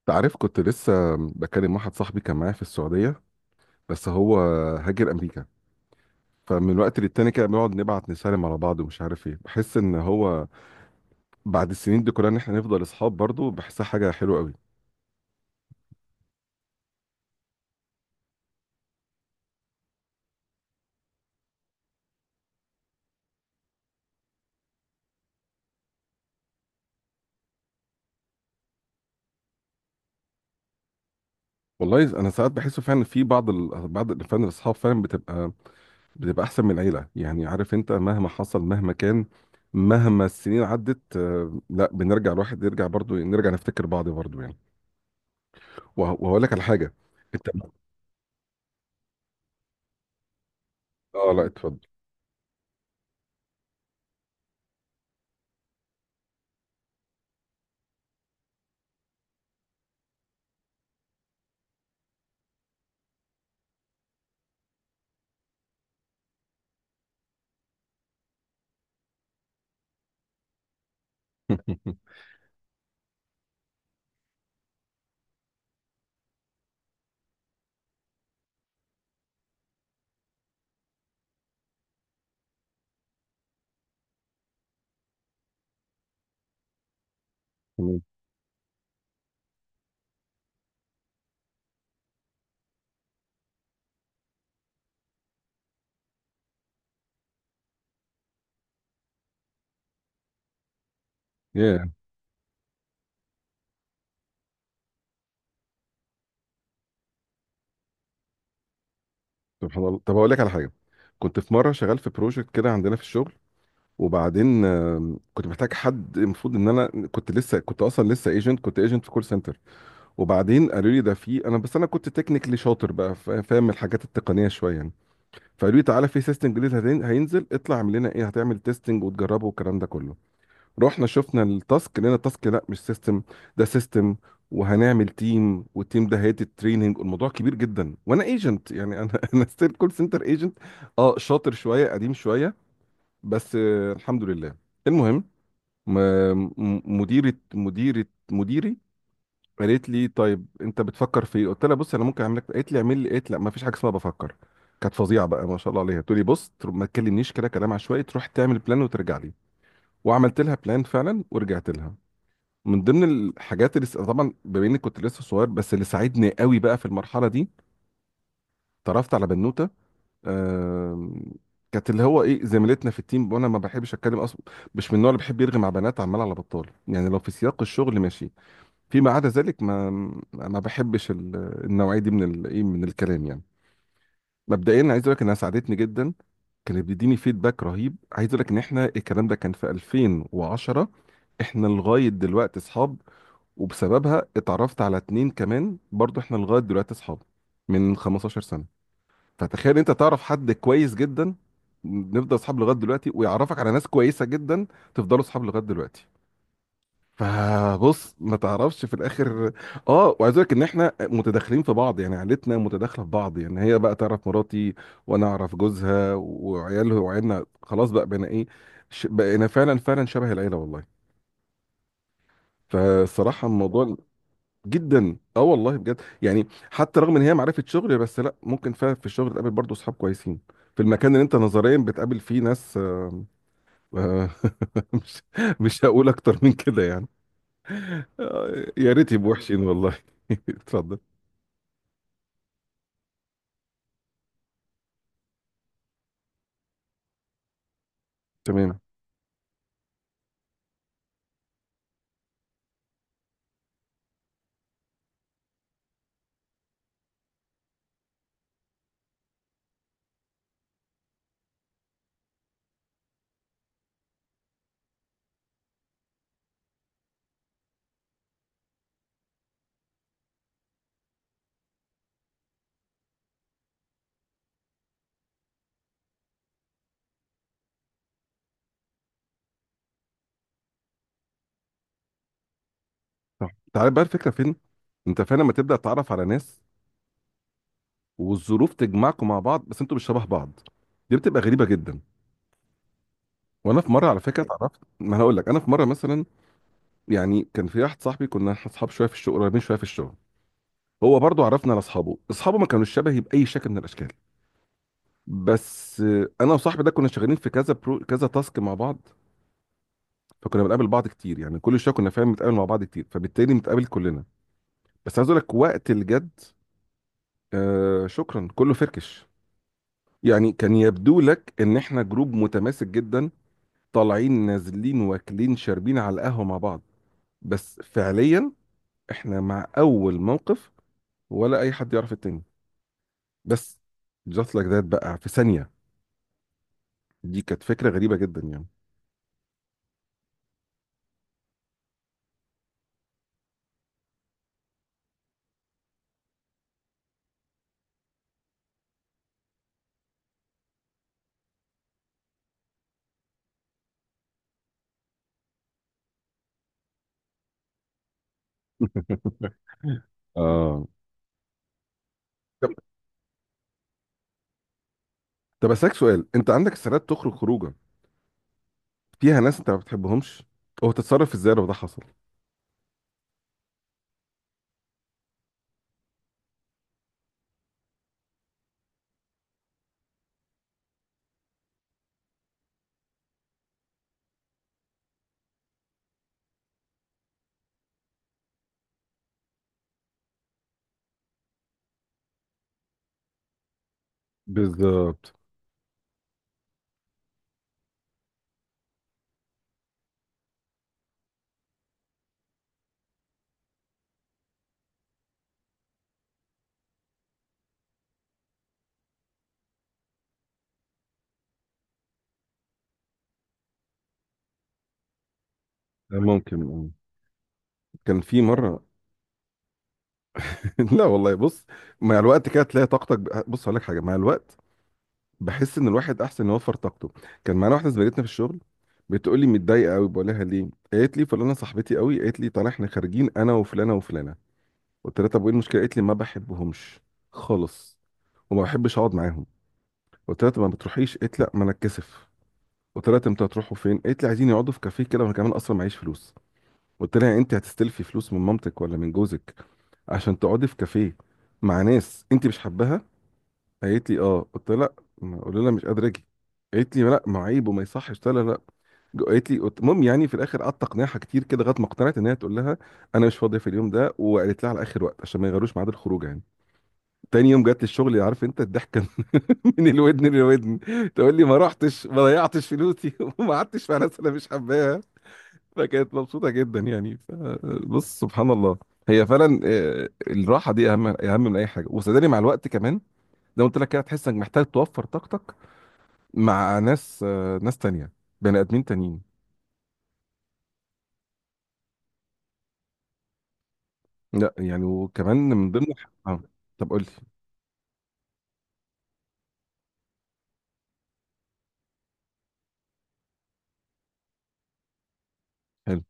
انت عارف كنت لسه بكلم واحد صاحبي كان معايا في السعودية، بس هو هاجر أمريكا. فمن وقت للتاني كده بنقعد نبعت نسالم على بعض ومش عارف ايه، بحس ان هو بعد السنين دي كلها ان احنا نفضل اصحاب برضه، بحسها حاجة حلوة قوي. والله انا ساعات بحس فعلا في فعلا الاصحاب فعلا بتبقى احسن من العيلة، يعني عارف انت مهما حصل مهما كان مهما السنين عدت، لا بنرجع الواحد يرجع برضه، نرجع نفتكر بعض برضه يعني. وهقول لك على حاجة. انت. اه لا اتفضل. تمام. سبحان الله. طب اقول لك على حاجه. كنت في مره شغال في بروجكت كده عندنا في الشغل، وبعدين كنت محتاج حد. المفروض ان انا كنت لسه، كنت اصلا لسه ايجنت، كنت ايجنت في كول سنتر. وبعدين قالوا لي ده في انا، بس انا كنت تكنيكلي شاطر بقى، فاهم الحاجات التقنيه شويه يعني. فقالوا لي تعالى في سيستم جديد هينزل، اطلع اعمل لنا ايه، هتعمل تيستنج وتجربه والكلام ده كله. رحنا شفنا التاسك، لقينا التاسك لا مش سيستم، ده سيستم، وهنعمل تيم، والتيم ده هيدي التريننج. الموضوع كبير جدا وانا ايجنت يعني، انا انا ستيل كول سنتر ايجنت، اه شاطر شويه، قديم شويه، بس آه الحمد لله. المهم م- م- مديرة مديرة مديري قالت لي طيب انت بتفكر في ايه؟ قلت لها بص انا ممكن اعمل لك. قالت لي اعمل لي، قالت لا ما فيش حاجه اسمها بفكر. كانت فظيعه بقى ما شاء الله عليها، تقول لي بص ما تكلمنيش كده كلام عشوائي، تروح تعمل بلان وترجع لي. وعملت لها بلان فعلا ورجعت لها. من ضمن الحاجات اللي طبعا بما اني كنت لسه صغير، بس اللي ساعدني قوي بقى في المرحله دي، اتعرفت على بنوته. آم، كانت اللي هو ايه زميلتنا في التيم، وانا ما بحبش اتكلم اصلا، مش من النوع اللي بيحب يرغي مع بنات عمال على بطال يعني. لو في سياق الشغل ماشي، فيما عدا ذلك ما بحبش النوعيه دي من الايه، من الكلام يعني. مبدئيا عايز اقول لك انها ساعدتني جدا. كانت بتديني فيدباك رهيب. عايز اقول لك ان احنا الكلام ده كان في 2010، احنا لغايه دلوقتي اصحاب. وبسببها اتعرفت على اتنين كمان برضو، احنا لغاية دلوقتي اصحاب من 15 سنة. فتخيل انت تعرف حد كويس جدا، نفضل اصحاب لغاية دلوقتي، ويعرفك على ناس كويسة جدا، تفضلوا اصحاب لغاية دلوقتي. فبص ما تعرفش في الاخر. اه وعايز اقول لك ان احنا متداخلين في بعض يعني، عيلتنا متداخله في بعض يعني، هي بقى تعرف مراتي وانا اعرف جوزها وعياله وعيالنا، خلاص بقى بقينا ايه، بقينا فعلا فعلا شبه العيله والله. فالصراحه الموضوع جدا. اه والله بجد يعني، حتى رغم ان هي معرفه شغل، بس لا ممكن فعلا في الشغل تقابل برضه اصحاب كويسين في المكان اللي انت نظريا بتقابل فيه ناس مش مش هقول اكتر من كده يعني. يا ريت يبقوا وحشين والله. اتفضل. تمام صح. تعال بقى الفكره فين. انت فعلا لما تبدا تتعرف على ناس والظروف تجمعكم مع بعض، بس انتوا مش شبه بعض، دي بتبقى غريبه جدا. وانا في مره على فكره، ايوه اتعرفت، ما انا هقول لك انا في مره مثلا. يعني كان في واحد صاحبي، كنا احنا اصحاب شويه في الشغل، قريبين شويه في الشغل. هو برضه عرفنا على اصحابه، اصحابه ما كانوش شبهي باي شكل من الاشكال. بس انا وصاحبي ده كنا شغالين في كذا برو، كذا تاسك مع بعض، فكنا بنقابل بعض كتير يعني، كل شويه كنا فاهم بنتقابل مع بعض كتير، فبالتالي بنتقابل كلنا. بس عايز اقول لك وقت الجد، آه شكرا كله فركش. يعني كان يبدو لك ان احنا جروب متماسك جدا، طالعين نازلين واكلين شاربين على القهوه مع بعض، بس فعليا احنا مع اول موقف ولا اي حد يعرف التاني. بس جات لك ده بقى في ثانيه. دي كانت فكرة غريبة جدا يعني. اه. طب طب اسالك سؤال. انت عندك استعداد تخرج خروجه فيها ناس انت ما بتحبهمش؟ هو تتصرف ازاي لو ده حصل؟ بالظبط. ممكن آه. كان في مره. لا والله بص، مع الوقت كده تلاقي طاقتك بص هقول لك حاجه، مع الوقت بحس ان الواحد احسن يوفر طاقته. كان معانا واحده زميلتنا في الشغل، بتقول لي متضايقه قوي. بقول لها ليه؟ قالت لي فلانه صاحبتي قوي، قالت لي طالع احنا خارجين انا وفلانه وفلانه. قلت لها طب وايه المشكله؟ قالت لي ما بحبهمش خالص، وما بحبش اقعد معاهم. قلت لها طب ما بتروحيش؟ قالت لا ما انا اتكسف. قلت لها طب انتوا هتروحوا فين؟ قالت لي عايزين يقعدوا في كافيه كده، وانا كمان اصلا معيش فلوس. قلت لها يعني انت هتستلفي فلوس من مامتك ولا من جوزك عشان تقعدي في كافيه مع ناس انت مش حباها؟ قالت لي اه. قلت لها لا، ما قلت لها مش قادره اجي. قالت لي لا ما عيب وما يصحش. قلت لها لا. قالت لي المهم يعني في الاخر قعدت اقنعها كتير كده لغايه ما اقتنعت ان هي تقول لها انا مش فاضيه في اليوم ده، وقالت لها على اخر وقت عشان ما يغيروش ميعاد الخروج يعني. تاني يوم جت الشغل عارف انت الضحكه من الودن للودن، تقول لي ما رحتش، ما ضيعتش فلوسي وما قعدتش في ناس انا مش حباها. فكانت مبسوطه جدا يعني. بص سبحان الله، هي فعلا الراحه دي اهم اهم من اي حاجه. وصدقني مع الوقت كمان، زي ما قلت لك كده، هتحس انك محتاج توفر طاقتك مع ناس ناس تانية، بني ادمين تانيين. لا يعني، وكمان من ضمن طب قول لي. حلو.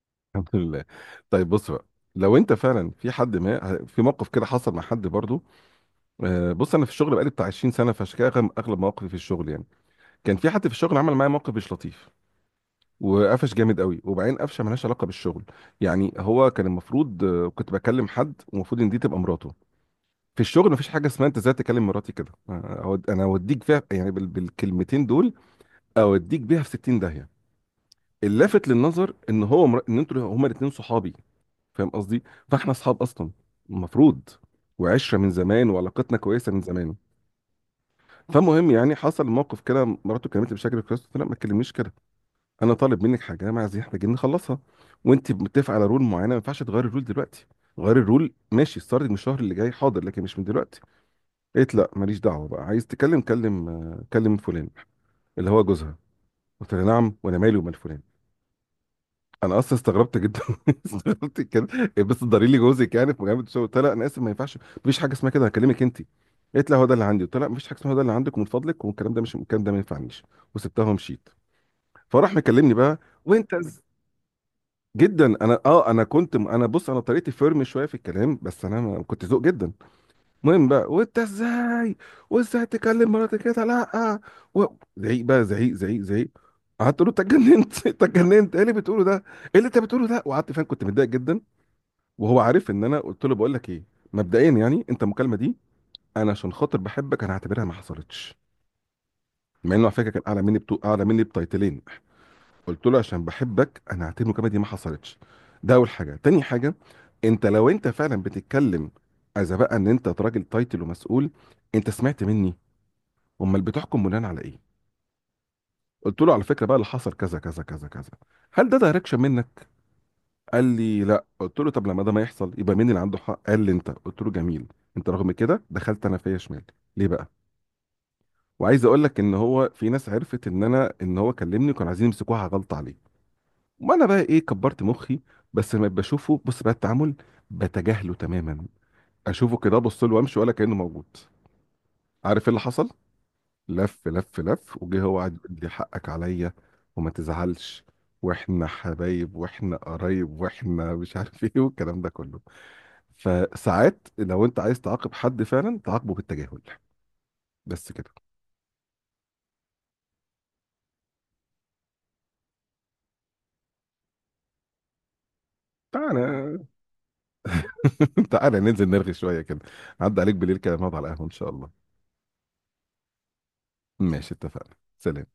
الحمد لله. طيب بص بقى، لو انت فعلا في حد، ما في موقف كده حصل مع حد برضو، بص انا في الشغل بقالي بتاع 20 سنه، فعشان كده اغلب أغلب مواقفي في الشغل يعني. كان في حد في الشغل عمل معايا موقف مش لطيف، وقفش جامد قوي، وبعدين قفشه ملهاش علاقه بالشغل. يعني هو كان المفروض كنت بكلم حد ومفروض ان دي تبقى مراته. في الشغل مفيش حاجه اسمها انت ازاي تكلم مراتي كده. انا اوديك فيها يعني بالكلمتين دول، اوديك بيها في 60 داهيه. اللافت للنظر ان ان انتوا هما الاثنين صحابي، فاهم قصدي؟ فاحنا اصحاب اصلا المفروض، وعشره من زمان وعلاقتنا كويسه من زمان. فالمهم يعني حصل موقف كده، مراته كلمتني بشكل كويس. قلت لها ما تكلمنيش كده، انا طالب منك حاجه، انا عايزين محتاجين نخلصها، وانت متفقه على رول معينه، ما ينفعش تغيري الرول دلوقتي. غيري الرول ماشي ستارتنج من الشهر اللي جاي حاضر، لكن مش من دلوقتي. قالت لا ماليش دعوه بقى، عايز تكلم كلم، كلم فلان اللي هو جوزها. قلت لها نعم، وانا مالي ومال فلان؟ انا اصلا استغربت جدا. استغربت كده. إيه، بس ضري لي جوزك يعني في مجامله الشغل؟ قلت لها انا اسف ما ينفعش، مفيش حاجه اسمها كده، هكلمك انت. قالت لها هو ده اللي عندي. قلت لها مفيش حاجه اسمها هو ده اللي عندك، ومن فضلك والكلام ده، مش الكلام ده ما ينفعنيش. وسبتها ومشيت. فراح مكلمني بقى. وانت إز- جدا. انا كنت، انا بص، انا طريقتي فيرم شويه في الكلام، بس انا كنت ذوق جدا. المهم بقى، وانت ازاي؟ وازاي تكلم مراتك كده؟ لا و... زعيق بقى، زعيق زعيق زعيق. قعدت اقول له انت اتجننت؟ انت اتجننت؟ ايه اللي بتقوله ده؟ ايه اللي انت بتقوله ده؟ وقعدت فعلا كنت متضايق جدا. وهو عارف ان انا قلت له بقول لك ايه. مبدئيا يعني انت المكالمه دي انا عشان خاطر بحبك انا هعتبرها ما حصلتش، مع انه على فكره كان اعلى مني اعلى مني بتايتلين. قلت له عشان بحبك انا هعتبر المكالمه دي ما حصلتش، ده اول حاجه. تاني حاجه، انت لو انت فعلا بتتكلم، اذا بقى ان انت راجل تايتل ومسؤول، انت سمعت مني؟ امال بتحكم بناء على ايه؟ قلت له على فكره بقى اللي حصل كذا كذا كذا كذا. هل ده دايركشن منك؟ قال لي لا. قلت له طب لما ده ما يحصل يبقى مين اللي عنده حق؟ قال لي انت. قلت له جميل. انت رغم كده دخلت انا فيا شمال، ليه بقى؟ وعايز اقول لك ان هو في ناس عرفت ان انا، ان هو كلمني، وكانوا عايزين يمسكوها غلط عليه. ما انا بقى ايه كبرت مخي، بس لما بشوفه، بص بقى التعامل، بتجاهله تماما، اشوفه كده ابص له وامشي ولا كانه موجود. عارف إيه اللي حصل؟ لف لف لف وجه، هو قعد يقول لي حقك عليا وما تزعلش واحنا حبايب واحنا قرايب واحنا مش عارف ايه والكلام ده كله. فساعات لو انت عايز تعاقب حد فعلا، تعاقبه بالتجاهل، بس كده. تعالى. تعالى ننزل نرغي شوية كده، عدى عليك بالليل كده نقعد على القهوة ان شاء الله. ماشي اتفقنا. سلام.